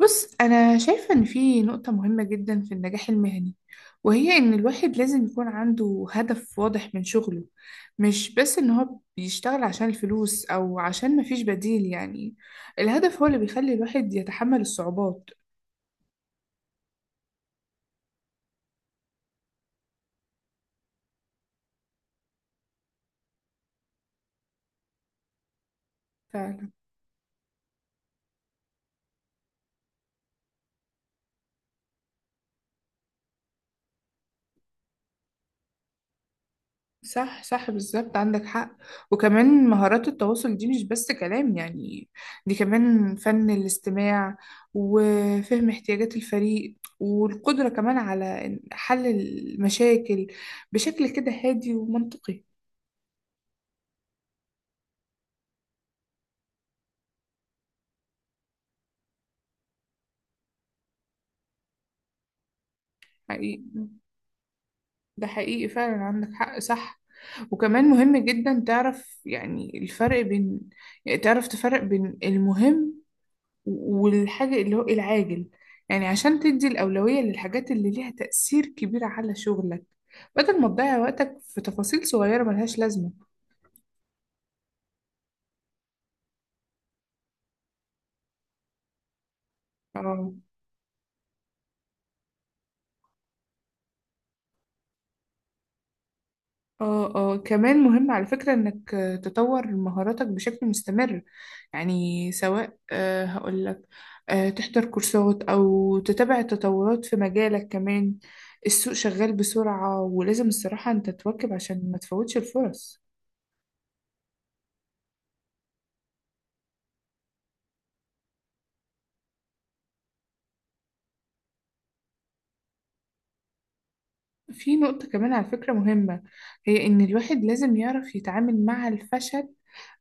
بص أنا شايفة إن في نقطة مهمة جدا في النجاح المهني، وهي إن الواحد لازم يكون عنده هدف واضح من شغله، مش بس إن هو بيشتغل عشان الفلوس أو عشان مفيش بديل يعني. الهدف هو اللي بيخلي الواحد يتحمل الصعوبات. فعلا. صح صح بالظبط عندك حق. وكمان مهارات التواصل دي مش بس كلام يعني، دي كمان فن الاستماع وفهم احتياجات الفريق والقدرة كمان على حل المشاكل بشكل كده هادي ومنطقي. حقيقي. ده حقيقي فعلا عندك حق صح. وكمان مهم جدا تعرف يعني الفرق بين، يعني تعرف تفرق بين المهم والحاجة اللي هو إيه العاجل، يعني عشان تدي الأولوية للحاجات اللي ليها تأثير كبير على شغلك، بدل ما تضيع وقتك في تفاصيل صغيرة ملهاش لازمة. اه. اه اه كمان مهم على فكرة انك تطور مهاراتك بشكل مستمر، يعني سواء هقولك تحضر كورسات او تتابع التطورات في مجالك كمان. السوق شغال بسرعة، ولازم الصراحة انت تواكب عشان ما تفوتش الفرص. في نقطة كمان على فكرة مهمة، هي إن الواحد لازم يعرف يتعامل مع الفشل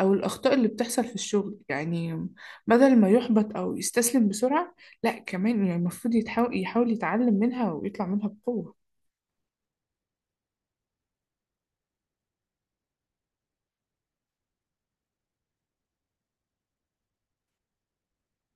أو الأخطاء اللي بتحصل في الشغل يعني، بدل ما يحبط أو يستسلم بسرعة، لا كمان يعني المفروض يحاول يتعلم منها ويطلع منها بقوة.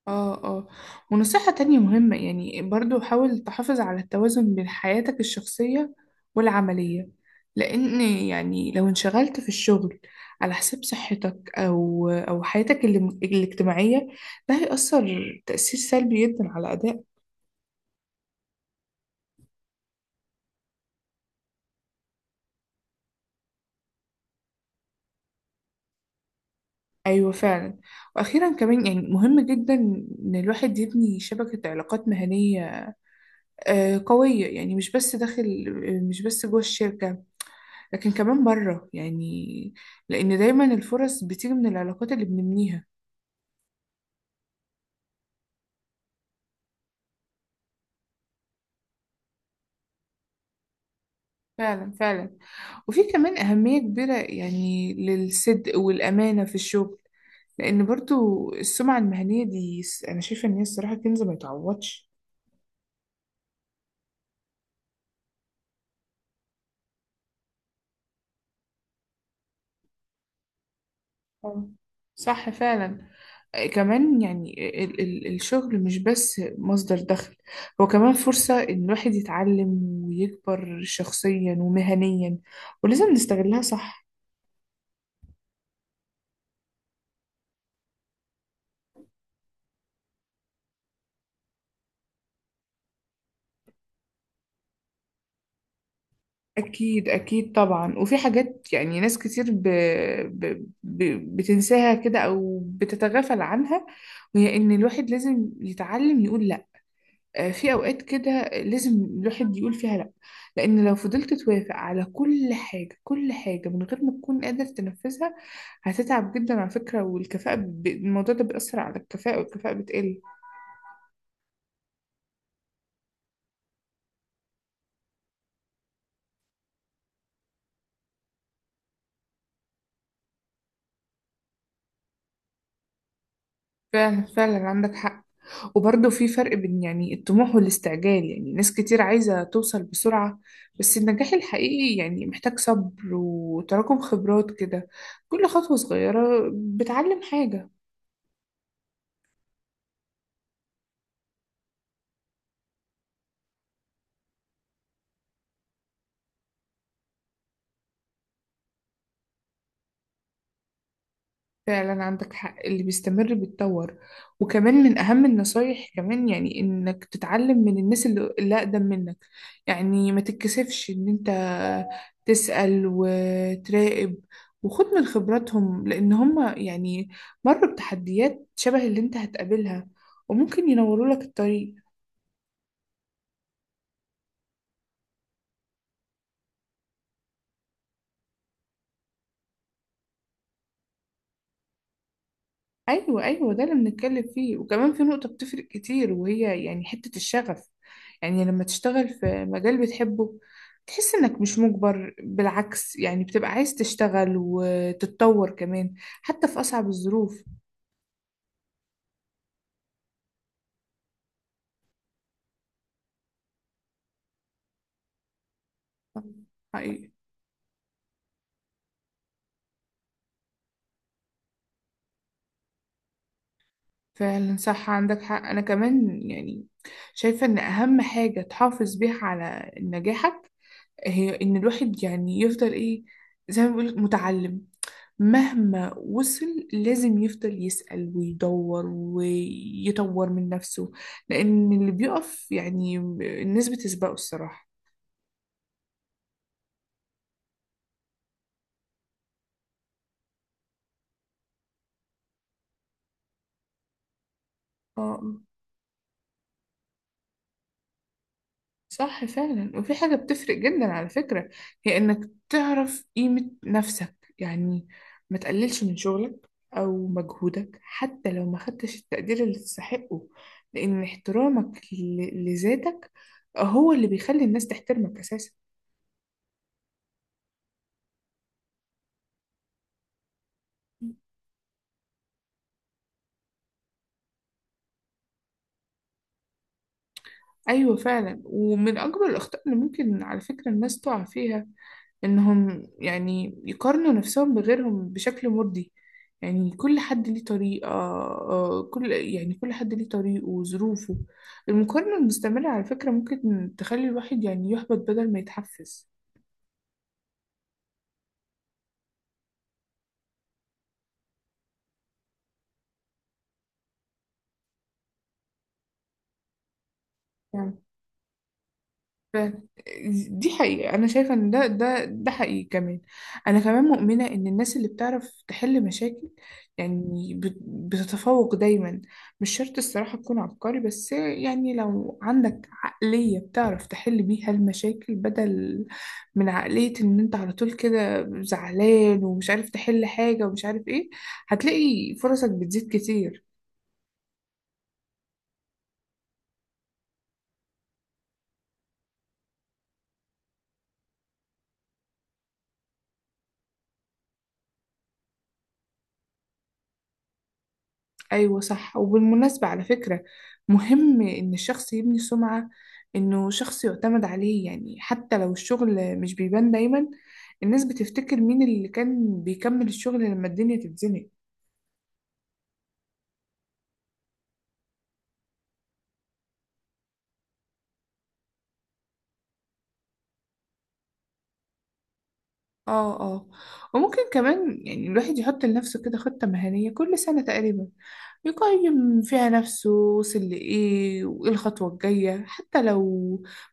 اه اه. ونصيحة تانية مهمة يعني برضو، حاول تحافظ على التوازن بين حياتك الشخصية والعملية، لأن يعني لو انشغلت في الشغل على حساب صحتك أو حياتك الاجتماعية، ده هيأثر تأثير سلبي جدا على أداء. أيوة فعلا. وأخيرا كمان يعني مهم جدا إن الواحد يبني شبكة علاقات مهنية قوية، يعني مش بس جوه الشركة، لكن كمان بره يعني، لأن دايما الفرص بتيجي من العلاقات اللي بنبنيها. فعلا فعلا. وفي كمان أهمية كبيرة يعني للصدق والأمانة في الشغل، لأن برضو السمعة المهنية دي أنا شايفة إن هي الصراحة كنز ما يتعوضش. آه، صح فعلا. كمان يعني ال ال الشغل مش بس مصدر دخل، هو كمان فرصة إن الواحد يتعلم ويكبر شخصيا ومهنيا، ولازم نستغلها صح. أكيد أكيد طبعا. وفي حاجات يعني ناس كتير ب... ب... بتنساها كده أو بتتغافل عنها، وهي إن الواحد لازم يتعلم يقول لأ. في أوقات كده لازم الواحد يقول فيها لأ، لأن لو فضلت توافق على كل حاجة كل حاجة من غير ما تكون قادر تنفذها، هتتعب جدا على فكرة. والكفاءة الموضوع ده بيأثر على الكفاءة، والكفاءة بتقل. فعلا فعلا عندك حق. وبرضه في فرق بين يعني الطموح والاستعجال، يعني ناس كتير عايزة توصل بسرعة، بس النجاح الحقيقي يعني محتاج صبر وتراكم خبرات كده. كل خطوة صغيرة بتعلم حاجة. فعلا عندك حق، اللي بيستمر بيتطور. وكمان من أهم النصايح كمان يعني إنك تتعلم من الناس اللي أقدم منك، يعني ما تتكسفش إن أنت تسأل وتراقب وخد من خبراتهم، لأن هم يعني مروا بتحديات شبه اللي أنت هتقابلها وممكن ينوروا لك الطريق. ايوه ايوه، ده اللي بنتكلم فيه. وكمان في نقطة بتفرق كتير، وهي يعني حتة الشغف، يعني لما تشتغل في مجال بتحبه تحس انك مش مجبر، بالعكس يعني بتبقى عايز تشتغل وتتطور كمان حتى في اصعب الظروف. حقيقي. فعلا صح عندك حق. انا كمان يعني شايفة ان اهم حاجة تحافظ بيها على نجاحك هي ان الواحد يعني يفضل ايه، زي ما بيقولك متعلم، مهما وصل لازم يفضل يسأل ويدور ويطور من نفسه، لأن اللي بيقف يعني الناس بتسبقه الصراحة. اه. صح فعلا. وفي حاجة بتفرق جدا على فكرة، هي إنك تعرف قيمة نفسك، يعني ما تقللش من شغلك أو مجهودك حتى لو ما خدتش التقدير اللي تستحقه، لأن احترامك لذاتك هو اللي بيخلي الناس تحترمك أساسا. أيوة فعلا. ومن أكبر الأخطاء اللي ممكن على فكرة الناس تقع فيها إنهم يعني يقارنوا نفسهم بغيرهم بشكل مرضي، يعني كل حد ليه طريقة آه، كل يعني كل حد ليه طريقه وظروفه. المقارنة المستمرة على فكرة ممكن تخلي الواحد يعني يحبط بدل ما يتحفز. يعني ف- دي حقيقة، أنا شايفة إن ده حقيقي كمان. أنا كمان مؤمنة إن الناس اللي بتعرف تحل مشاكل يعني بتتفوق دايما. مش شرط الصراحة تكون عبقري، بس يعني لو عندك عقلية بتعرف تحل بيها المشاكل، بدل من عقلية إن أنت على طول كده زعلان ومش عارف تحل حاجة ومش عارف إيه، هتلاقي فرصك بتزيد كتير. أيوة صح. وبالمناسبة على فكرة، مهم إن الشخص يبني سمعة إنه شخص يعتمد عليه، يعني حتى لو الشغل مش بيبان دايما، الناس بتفتكر مين اللي كان بيكمل الشغل لما الدنيا تتزنق. اه اه. وممكن كمان يعني الواحد يحط لنفسه كده خطة مهنية كل سنة تقريبا، يقيم فيها نفسه وصل لإيه وإيه الخطوة الجاية، حتى لو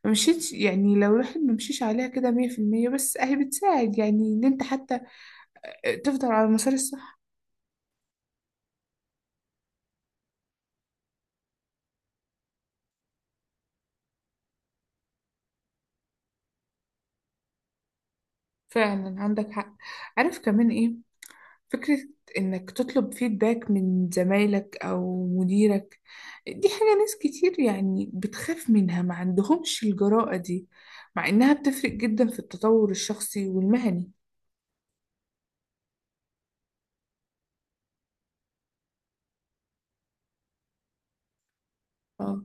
ما مشيتش، يعني لو الواحد ما مشيش عليها كده 100%، بس أهي بتساعد يعني إن أنت حتى تفضل على المسار الصح. فعلا عندك حق. عارف كمان ايه؟ فكرة انك تطلب فيدباك من زمايلك او مديرك، دي حاجة ناس كتير يعني بتخاف منها، ما عندهمش الجرأة دي، مع انها بتفرق جدا في التطور الشخصي والمهني. اه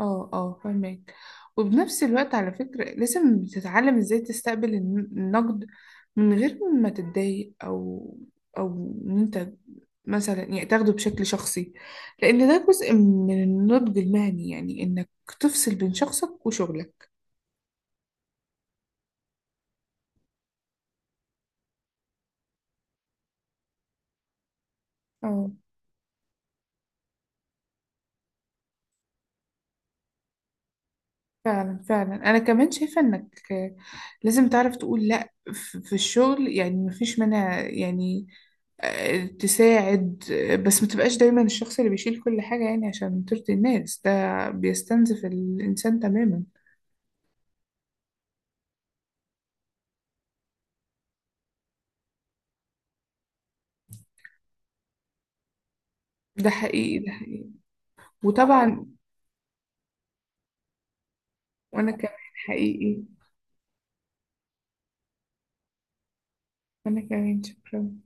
اه اه، فهمك. وبنفس الوقت على فكرة لازم تتعلم ازاي تستقبل النقد من غير ما تتضايق او ان انت مثلا يعني تاخده بشكل شخصي، لان ده جزء من النضج المهني، يعني انك تفصل بين شخصك وشغلك. اه. فعلا فعلا. انا كمان شايفة انك لازم تعرف تقول لا في الشغل، يعني مفيش منها، يعني تساعد، بس ما تبقاش دايما الشخص اللي بيشيل كل حاجة يعني عشان ترضي الناس، ده بيستنزف الإنسان تماما. ده حقيقي ده حقيقي. وطبعا. وأنا كمان. حقيقي. وأنا كمان شكرا.